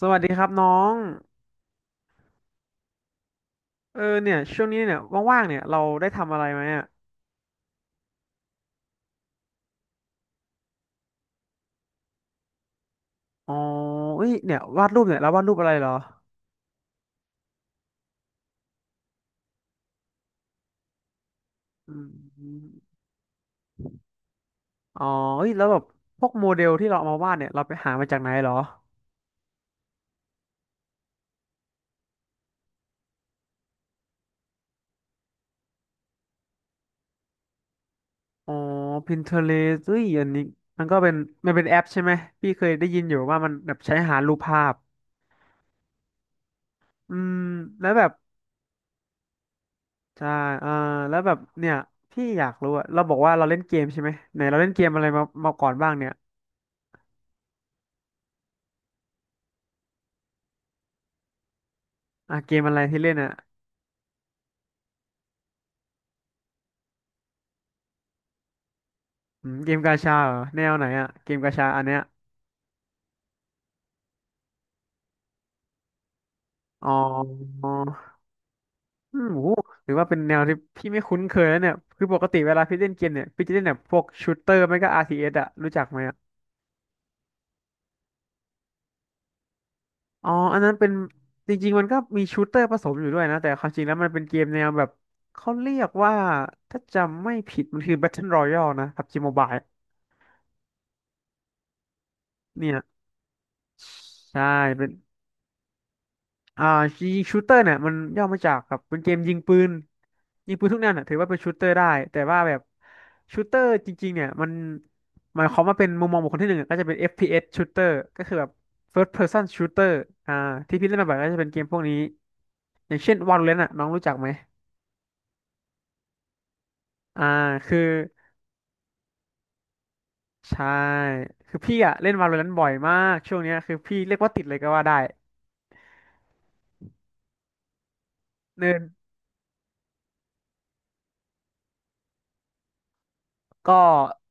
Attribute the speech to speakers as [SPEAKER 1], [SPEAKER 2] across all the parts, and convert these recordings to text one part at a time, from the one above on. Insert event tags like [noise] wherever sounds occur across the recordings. [SPEAKER 1] สวัสดีครับน้องเนี่ยช่วงนี้เนี่ยว่างๆเนี่ยเราได้ทำอะไรไหมอ่ะอ๋อเอ้ยเนี่ยวาดรูปเนี่ยเราวาดรูปอะไรเหรออืมอ๋อเอ้ยแล้วแบบพวกโมเดลที่เราเอามาวาดเนี่ยเราไปหามาจากไหนเหรออ๋อ Pinterest เอ้ยอันนี้มันก็เป็นมันเป็นแอปใช่ไหมพี่เคยได้ยินอยู่ว่ามันแบบใช้หารูปภาพอืมแล้วแบบใช่เออแล้วแบบเนี่ยพี่อยากรู้อะเราบอกว่าเราเล่นเกมใช่ไหมไหนเราเล่นเกมอะไรมาก่อนบ้างเนี่ยอ่ะเกมอะไรที่เล่นอะ อืมเกมกาชาเหรอแนวไหนอะเกมกาชาอันเนี้ยอ๋ออืมโหหรือว่าเป็นแนวที่พี่ไม่คุ้นเคยแล้วเนี่ยคือปกติเวลาพี่เล่นเกมเนี่ยพี่จะเล่นแบบพวกชูตเตอร์ไม่ก็ RTS อสอะรู้จักไหมอะอ๋ออันนั้นเป็นจริงๆมันก็มีชูตเตอร์ผสมอยู่ด้วยนะแต่ความจริงแล้วมันเป็นเกมแนวแบบเขาเรียกว่าถ้าจำไม่ผิดมันคือ Battle Royale นะ PUBG Mobile เนี่ยใช่เป็น อ่ายิงชูเตอร์เนี่ยมันย่อมาจากแบบเป็นเกมยิงปืนยิงปืนทุกแนวเนี่ยถือว่าเป็นชูเตอร์ได้แต่ว่าแบบชูเตอร์จริงๆเนี่ยมันหมายความว่าเป็นมุมมองบุคคลที่หนึ่งอะก็จะเป็น FPS shooter ก็คือแบบ first person shooter อ่าที่พี่เล่นมาบ่อยก็จะเป็นเกมพวกนี้อย่างเช่น Valorant อะน้องรู้จักไหมอ่าคือใช่คือพี่อะเล่น Valorant บ่อยมากช่วงเนี้ยคือพี่เรียกว่าติดเลยก็ว่าได้เนิน ก็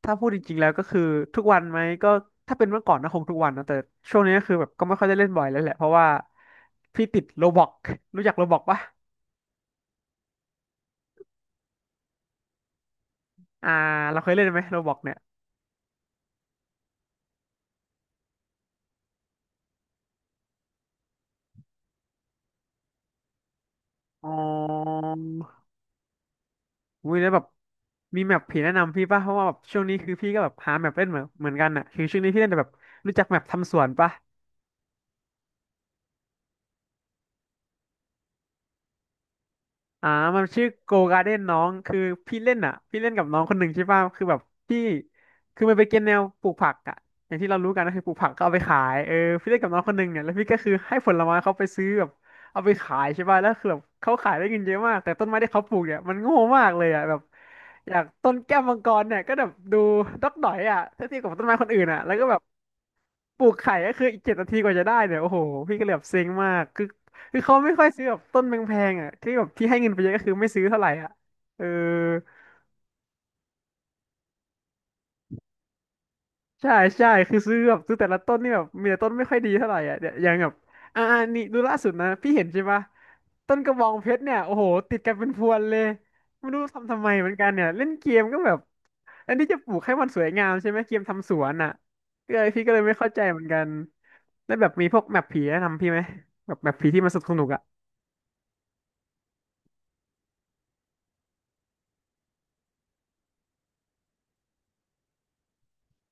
[SPEAKER 1] ถ้าพูดจริงๆแล้วก็คือทุกวันไหมก็ถ้าเป็นเมื่อก่อนนะคงทุกวันนะแต่ช่วงนี้ก็คือแบบก็ไม่ค่อยได้เล่นบ่อยแล้วแหละเพราะว่าพี่ติดโรบล็อกรู้จักโรบล็อกปะอ่าเราเคยเล่นไหมโรบล็อกเนี่ยอ๋ออุ้ยแล้วแบบมีแมปผีแนะนำพี่ปะเพราะว่าแบบช่วงนี้คือพี่ก็แบบหาแมปเล่นเหมือนกันอ่ะคือช่วงนี้พี่เล่นแต่แบบรู้จักแมปทำสวนปะ อ่ามันชื่อโกกา r d เด้นน้องคือพี่เล่นอ่ะพี่เล่นกับน้องคนหนึ่งใช่ป่ะคือแบบพี่คือมันไปเก็นแนวปลูกผักอ่ะอย่างที่เรารู้กันก็คือปลูกผักก็เอาไปขายเออพี่เล่นกับน้องคนหนึ่งเนี่ยแล้วพี่ก็คือให้ผลไม้เขาไปซื้อแบบเอาไปขายใช่ป่ะแล้วคือแบบเขาขายได้เงินเยอะมากแต่ต้นไม้ที่เขาปลูกเนี่ยมันโง่มากเลยอ่ะแบบอยากต้นแก้วมังกรเนี่ยก็แบบดูดอกดอยอ่ะถ้าเทียบกับต้นไม้คนอื่นอ่ะแล้วก็แบบ ปลูกไข่ก็คืออีกเจ็ดนาทีกว่าจะได้เนี่ยโอ้โหพี่ก็เลยแบบเซ็งมากคือเขาไม่ค่อยซื้อแบบต้นแพงๆอ่ะที่แบบที่ให้เงินไปเยอะก็คือไม่ซื้อเท่าไหร่อ่ะเออ ใช่ใช่คือซื้อแบบซื้อแต่ละต้นนี่แบบมีแต่ต้นไม่ค่อยดีเท่าไหร่อ่ะเนี่ยอย่างแบบอ่าอ่านี่ดูล่าสุดนะพี่เห็นใช่ปะต้นกระบองเพชรเนี่ยโอ้โหติดกันเป็นพวนเลยไม่รู้ทำไมเหมือนกันเนี่ยเล่นเกมก็แบบอันนี้จะปลูกให้มันสวยงามใช่ไหมเกมทำสวนอ่ะก็เลยพี่ก็เลยไม่เข้าใจเหมือนกันแล้วแบบมีพวกแมปผีแนะนำพี่ไหมแบบแมปผีที่มันสนุกอ่ะ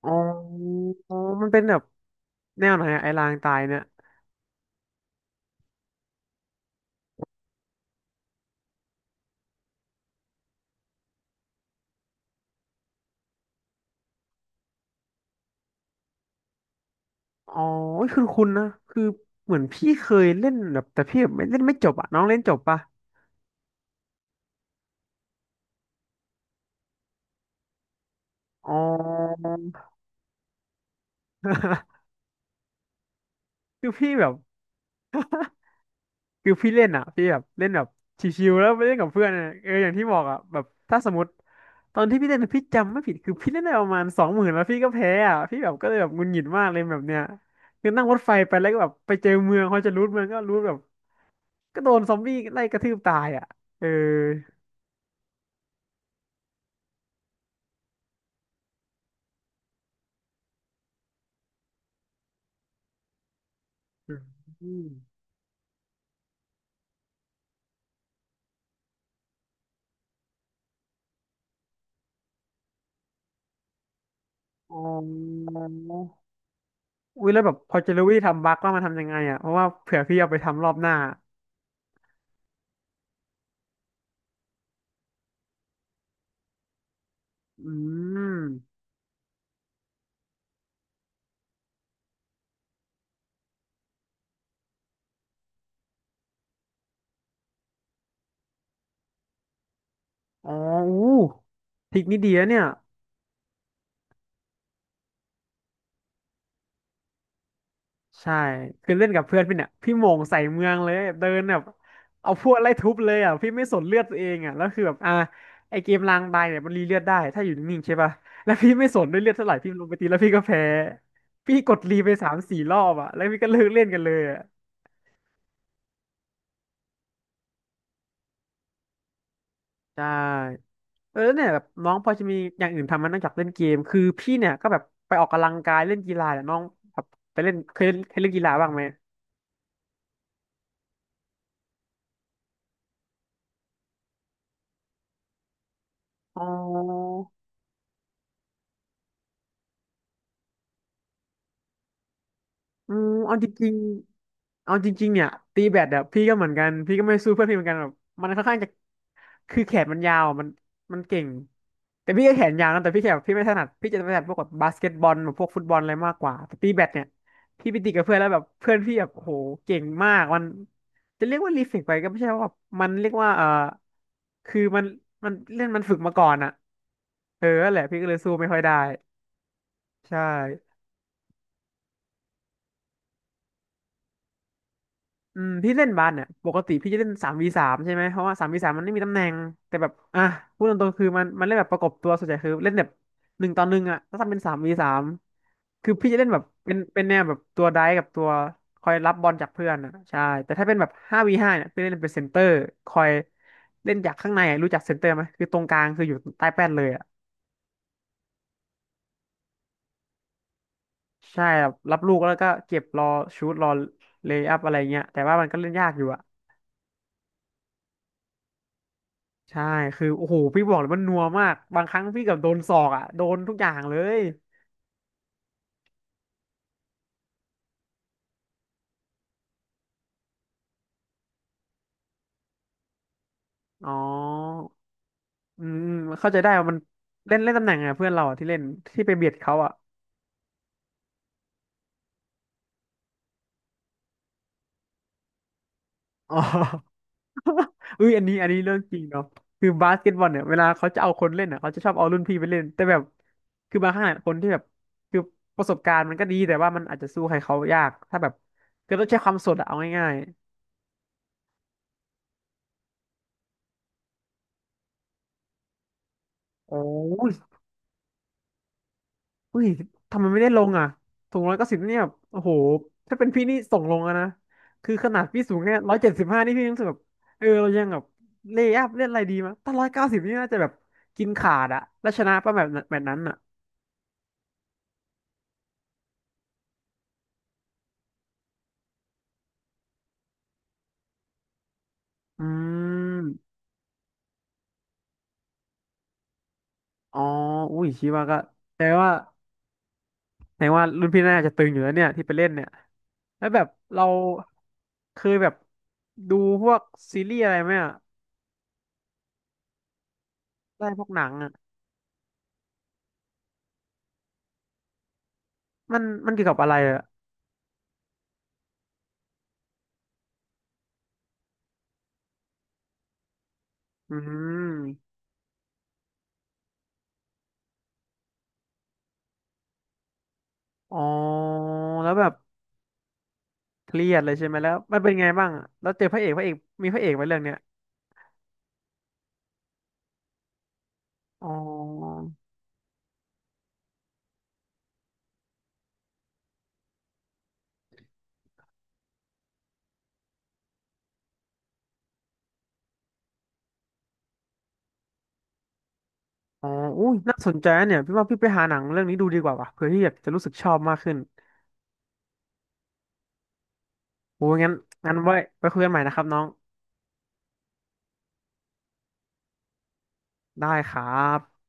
[SPEAKER 1] อ๋ออ๋อมันเป็นแบบแนวไหนอะไอ้ลางตายเนี่ย อ๋อคือคุณนะคือเหมือนพี่เคยเล่นแบบแต่พี่แบบไม่เล่นไม่จบอ่ะน้องเล่นจบปะอ๋อ [laughs] คือพี่แบบคือพี่เล่นอ่ะพี่แบบเล่นแบบชิวๆแล้วไปเล่นกับเพื่อนอะเอออย่างที่บอกอ่ะแบบถ้าสมมติตอนที่พี่เล่นอะพี่จำไม่ผิดคือพี่เล่นได้ประมาณสองหมื่นแล้วพี่ก็แพ้อ่ะพี่แบบก็เลยแบบหงุนหงิดมากเลยแบบเนี้ยคือนั่งรถไฟไปแล้วก็แบบไปเจอเมืองพอจะรูดเมืองก็รูดแบบก็โดนซอมบี้ไล่กระทืบตายอ่ะเอออืมอ๋อ อุ้ยแล้วแบบพอจะรู้วิธีทำบั๊กว่ามันทำยังไงอ่ะเพราะว่าเผื่อพี่เอาไปทำรอบหน้าอืมอ๋ออู้ทริกนี้ดีนะเนี่ยใช่คือเล่นกับเพื่อนพี่เนี่ยพี่โหม่งใส่เมืองเลยเดินแบบเอาพวกไล่ทุบเลยอ่ะพี่ไม่สนเลือดตัวเองอ่ะแล้วคือแบบไอเกมรางบายเนี่ยมันรีเลือดได้ถ้าอยู่นิ่งๆใช่ป่ะ [laughs] แล้วพี่ไม่สนด้วยเลือดเท่าไหร่พี่ลงไปตีแล้วพี่ก็แพ้พี่กดรีไป3-4รอบอ่ะแล้วพี่ก็เลิกเล่นกันเลยอ่ะใช่ เออเนี่ยแบบน้องพอจะมีอย่างอื่นทำไหมันนอกจากเล่นเกมคือพี่เนี่ยก็แบบไปออกกำลังกายเล่นกีฬาเนี่ยน้องแบบไปเล่นเคยเล่นกีฬาบ้างไหมอ๋อ อืมเอาจริงๆเอาจริงๆเนี่ยตีแบดอะพี่ก็เหมือนกันพี่ก็ไม่สู้เพื่อนพี่เหมือนกันแบบมันค่อนข้างจะคือแขนมันยาวอะมันเก่งแต่พี่ก็แขนยาวนะแต่พี่แขนพี่ไม่ถนัดพี่จะถนัดพวกแบบบาสเกตบอลหรือพวกฟุตบอลอะไรมากกว่าแต่ตีแบดเนี่ยพี่ไปตีกับเพื่อนแล้วแบบเพื่อนพี่แบบโอ้โหเก่งมากมันจะเรียกว่ารีเฟกไปก็ไม่ใช่ว่าแบบมันเรียกว่าเออคือมันเล่นมันฝึกมาก่อนอะเออนั่นแหละพี่ก็เลยสู้ไม่ค่อยได้ใช่ อืมพี่เล่นบาสเนี่ยปกติพี่จะเล่นสามวีสามใช่ไหมเพราะว่าสามวีสามมันไม่มีตำแหน่งแต่แบบอ่ะพูดตรงๆคือมันเล่นแบบประกบตัวส่วนใหญ่คือเล่นแบบ1 ต่อ 1อ่ะถ้าทำเป็นสามวีสามคือพี่จะเล่นแบบเป็นแนวแบบตัวไดฟ์กับตัวคอยรับบอลจากเพื่อนอ่ะใช่แต่ถ้าเป็นแบบ5v5เนี่ยพี่เล่นเป็นเซนเตอร์คอยเล่นจากข้างในอะรู้จักเซนเตอร์ไหมคือตรงกลางคืออยู่ใต้แป้นเลยอ่ะใช่ครับรับลูกแล้วก็เก็บรอชูตรอเลย์อัพอะไรเงี้ยแต่ว่ามันก็เล่นยากอยู่อะ ใช่คือโอ้โหพี่บอกเลยมันนัวมากบางครั้งพี่เกับโดนศอกอ่ะโดนทุกอย่างเลยอ๋ออืมอืมเข้าใจได้ว่ามันเล่นเล่นตำแหน่งไงเพื่อนเราอ่ะที่เล่นที่ไปเบียดเขาอ่ะอ๋อ [laughs] อุ้ยอันนี้เรื่องจริงเนาะคือบาสเกตบอลเนี่ยเวลาเขาจะเอาคนเล่นอ่ะเขาจะชอบเอารุ่นพี่ไปเล่นแต่แบบคือบางครั้งอะคนที่แบบคือประสบการณ์มันก็ดีแต่ว่ามันอาจจะสู้ใครเขายากถ้าแบบคือต้องใช้ความสดอะเอาง่ายๆโอ้ อุ้ยทำไมไม่ได้ลงอ่ะสูงร้อยเก้าสิบเนี่ยโอ้โหถ้าเป็นพี่นี่ส่งลงอะนะคือขนาดพี่สูงแค่175นี่พี่ยังรู้สึกแบบเออเรายังแบบเลย์อัพเล่นอะไรดีมั้งถ้าร้อยเก้าสิบนี่น่าจะแบบกินขาดอะแล้วชนะป่ะแบบนั้นแบบนั้นอะอืมอ๋ออุ้ยชิว่าก็แปลว่าแปลว่ารุ่นพี่น่าจะตึงอยู่แล้วเนี่ยที่ไปเล่นเนี่ยแล้วแบบเราเคยแบบดูพวกซีรีส์อะไรไหมอะได้พวกหนังอะมันมันเกี่ยวกับอะไรอะอืม อ๋อแล้วแบบเครียดเลยใช่ไหมแล้วมันเป็นไงบ้างอะแล้วเจอพระเอกมีพระเอกไหมเรื่องเนี้ยอ๋ออ๋ออุ้ยน่าสนใจนะเนี่ยพี่ว่าพี่ไปหาหนังเรื่องนี้ดูดีกว่าว่ะเผื่อที่อยากจะรู้สึกชอบมากขึ้นโอ้ยงั้นไว้ไปคุยกันใหม่นะครับน้องได้ครับ